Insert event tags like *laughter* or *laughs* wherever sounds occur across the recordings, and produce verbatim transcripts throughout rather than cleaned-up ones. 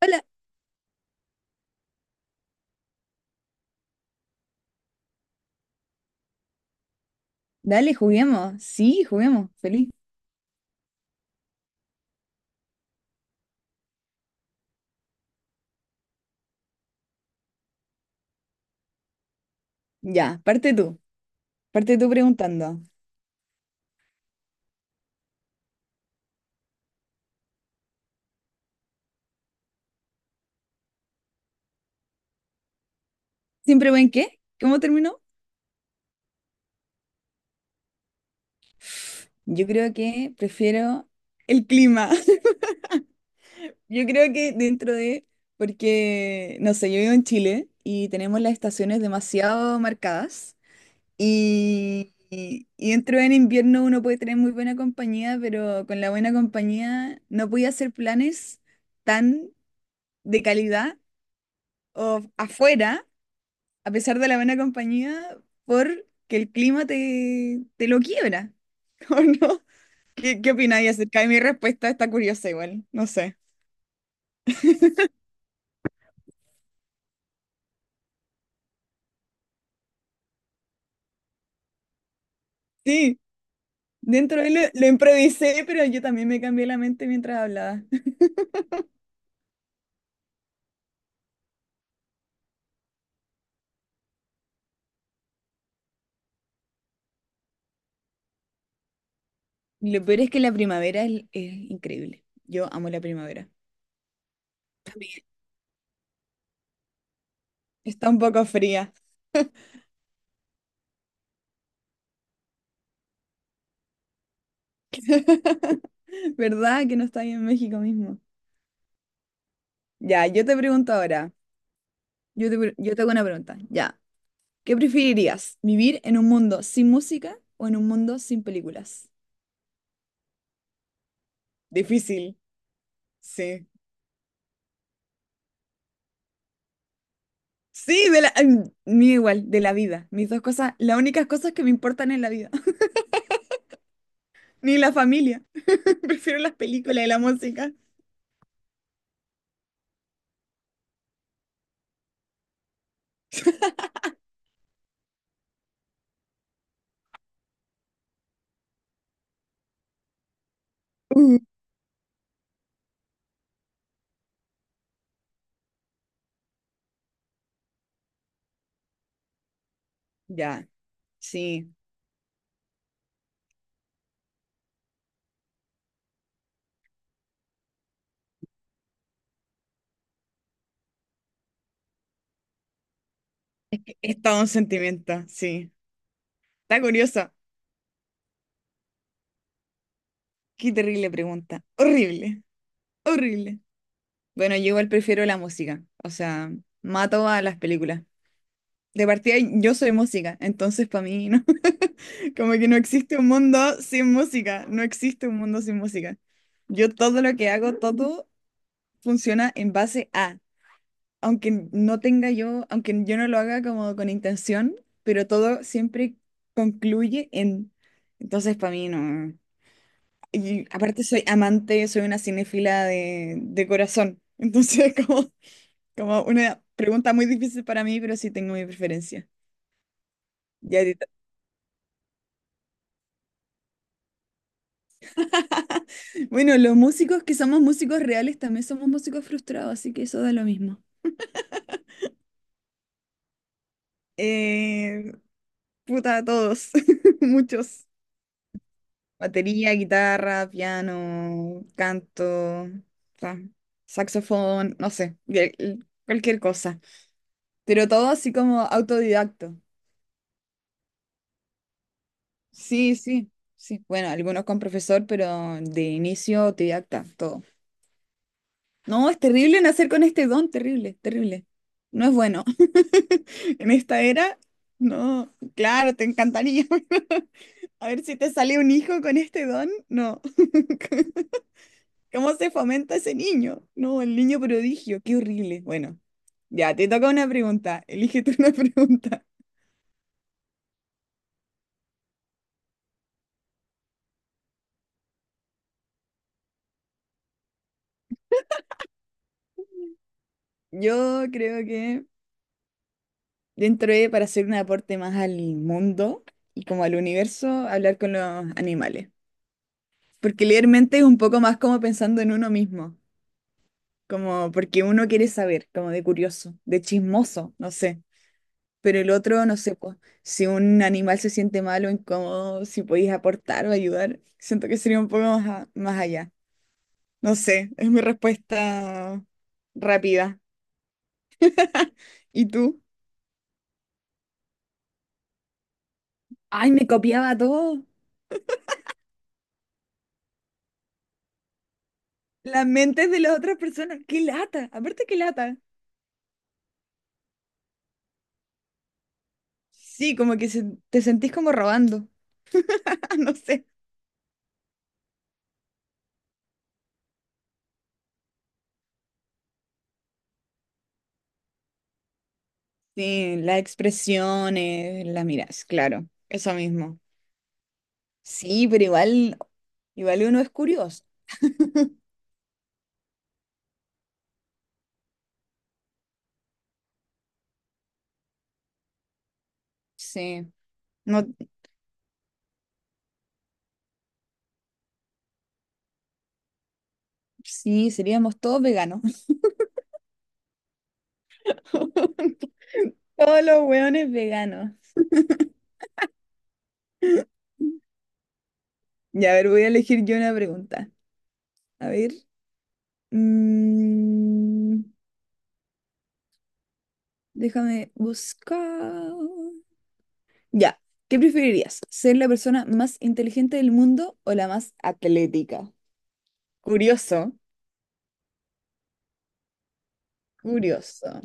Hola, dale, juguemos. Sí, juguemos, feliz. Ya, parte tú, parte tú preguntando. ¿Siempre buen qué? ¿Cómo terminó? Yo creo que prefiero el clima. *laughs* Yo creo que dentro de, porque, no sé, yo vivo en Chile y tenemos las estaciones demasiado marcadas y, y, y dentro del invierno uno puede tener muy buena compañía, pero con la buena compañía no podía hacer planes tan de calidad o afuera a pesar de la buena compañía, porque el clima te, te lo quiebra, *laughs* ¿o no? ¿Qué, qué opináis acerca de mi respuesta? Está curiosa igual, no sé. Sí, dentro de lo, lo improvisé, pero yo también me cambié la mente mientras hablaba. *laughs* Lo peor es que la primavera es, es increíble. Yo amo la primavera. Está un poco fría, *laughs* ¿verdad? Que no está ahí en México mismo. Ya, yo te pregunto ahora. Yo te, pre- yo te hago una pregunta. Ya. ¿Qué preferirías? ¿Vivir en un mundo sin música o en un mundo sin películas? Difícil, sí. Sí, de la... mm, Mío igual, de la vida. Mis dos cosas, las únicas cosas que me importan en la vida. *laughs* Ni la familia. *laughs* Prefiero las películas y la música. Uh, ya, sí. Es que es todo un sentimiento, sí. Está curioso. Qué terrible pregunta. Horrible, horrible. Bueno, yo igual prefiero la música. O sea, mato a las películas. De partida yo soy música, entonces para mí no, *laughs* como que no existe un mundo sin música, no existe un mundo sin música. Yo todo lo que hago, todo funciona en base a, aunque no tenga yo, aunque yo no lo haga como con intención, pero todo siempre concluye en, entonces para mí no. Y aparte soy amante, soy una cinéfila de, de corazón, entonces *laughs* como, como una pregunta muy difícil para mí, pero sí tengo mi preferencia. Ya. Bueno, los músicos que somos músicos reales también somos músicos frustrados, así que eso da lo mismo. Eh, puta, todos, *laughs* muchos. Batería, guitarra, piano, canto, sa- saxofón, no sé, de- l- cualquier cosa. Pero todo así como autodidacto. Sí, sí, sí. Bueno, algunos con profesor, pero de inicio autodidacta, todo. No, es terrible nacer con este don, terrible, terrible. No es bueno. *laughs* En esta era, no, claro, te encantaría. *laughs* A ver si te sale un hijo con este don. No. *laughs* ¿Cómo se fomenta ese niño? No, el niño prodigio, qué horrible. Bueno, ya, te toca una pregunta. Elige tú *laughs* una pregunta. Yo creo que dentro de, para hacer un aporte más al mundo y como al universo, hablar con los animales. Porque leer mente es un poco más como pensando en uno mismo, como porque uno quiere saber, como de curioso, de chismoso, no sé. Pero el otro, no sé, pues, si un animal se siente mal o incómodo, si podéis aportar o ayudar, siento que sería un poco más, a- más allá. No sé, es mi respuesta rápida. ¿Y tú? Ay, me copiaba todo. Las mentes de las otras personas. ¡Qué lata! Aparte, qué lata. Sí, como que se- te sentís como robando. *laughs* No sé. Sí, las expresiones, las miras, claro. Eso mismo. Sí, pero igual, igual uno es curioso. Sí. No, sí, seríamos todos veganos. *laughs* Todos los hueones veganos. Ya, a ver, voy a elegir yo una pregunta. A ver. mm, Déjame buscar. Ya, ¿qué preferirías? ¿Ser la persona más inteligente del mundo o la más atlética? Curioso, curioso.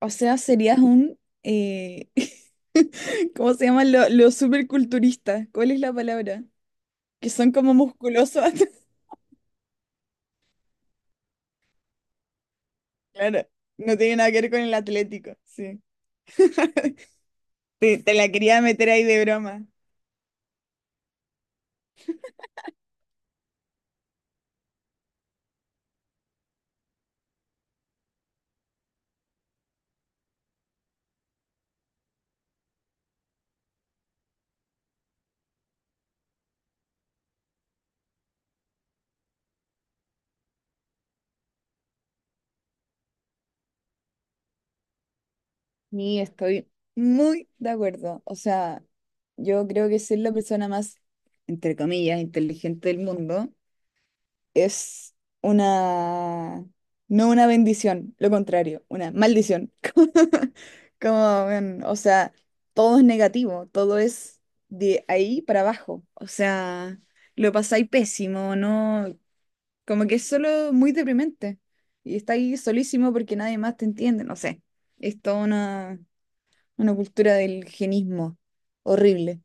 O sea, serías un... eh, *laughs* ¿Cómo se llaman los superculturistas? ¿Cuál es la palabra? Que son como musculosos. *laughs* Claro, no tiene nada que ver con el Atlético, sí. *laughs* Te, te la quería meter ahí de broma. Y estoy muy de acuerdo. O sea, yo creo que ser la persona más, entre comillas, inteligente del mundo es una, no una bendición, lo contrario, una maldición. *laughs* Como, como, weón, o sea, todo es negativo, todo es de ahí para abajo. O sea, lo pasáis pésimo, ¿no? Como que es solo muy deprimente. Y está ahí solísimo porque nadie más te entiende, no sé. Es toda una, una cultura del genismo horrible.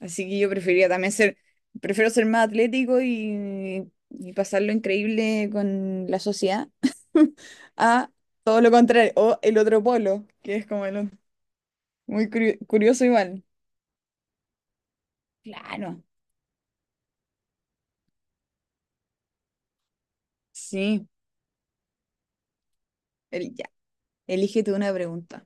Así que yo preferiría también ser, prefiero ser más atlético y, y pasarlo increíble con la sociedad *laughs* a todo lo contrario, o el otro polo, que es como el otro. Muy curio- curioso igual. Claro, sí. El, ya. Elígete una pregunta.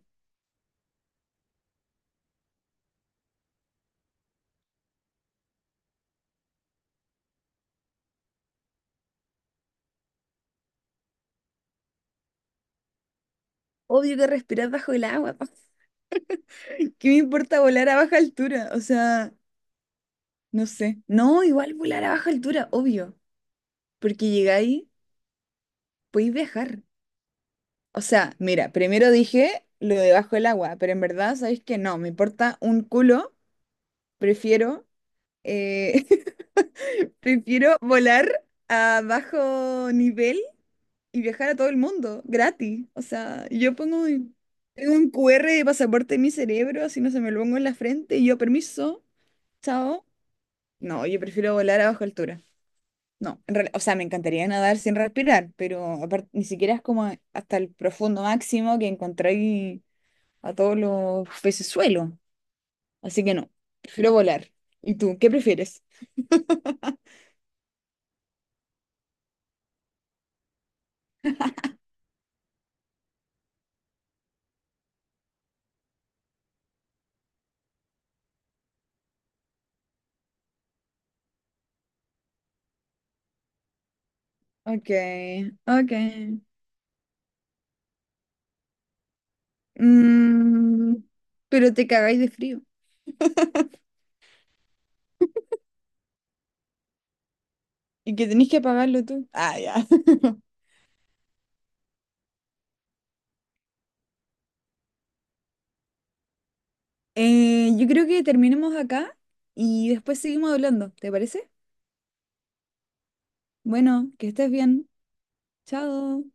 Obvio que respirar bajo el agua. *laughs* ¿Qué me importa volar a baja altura? O sea, no sé. No, igual volar a baja altura, obvio. Porque llegáis, podéis viajar. O sea, mira, primero dije lo de bajo el agua, pero en verdad, ¿sabéis que no? Me importa un culo. Prefiero, eh, *laughs* prefiero volar a bajo nivel y viajar a todo el mundo, gratis. O sea, yo pongo mi- tengo un Q R de pasaporte en mi cerebro, así no se me lo pongo en la frente y yo, permiso, chao. No, yo prefiero volar a baja altura. No, en real- o sea, me encantaría nadar sin respirar, pero aparte ni siquiera es como hasta el profundo máximo que encontráis a todos los pecesuelos. Así que no, prefiero volar. ¿Y tú, qué prefieres? Ok, ok. Mm, pero te cagáis de frío. Y que tenéis que apagarlo tú. Ah, ya. *laughs* Eh, yo creo que terminemos acá y después seguimos hablando, ¿te parece? Bueno, que estés bien. Chao.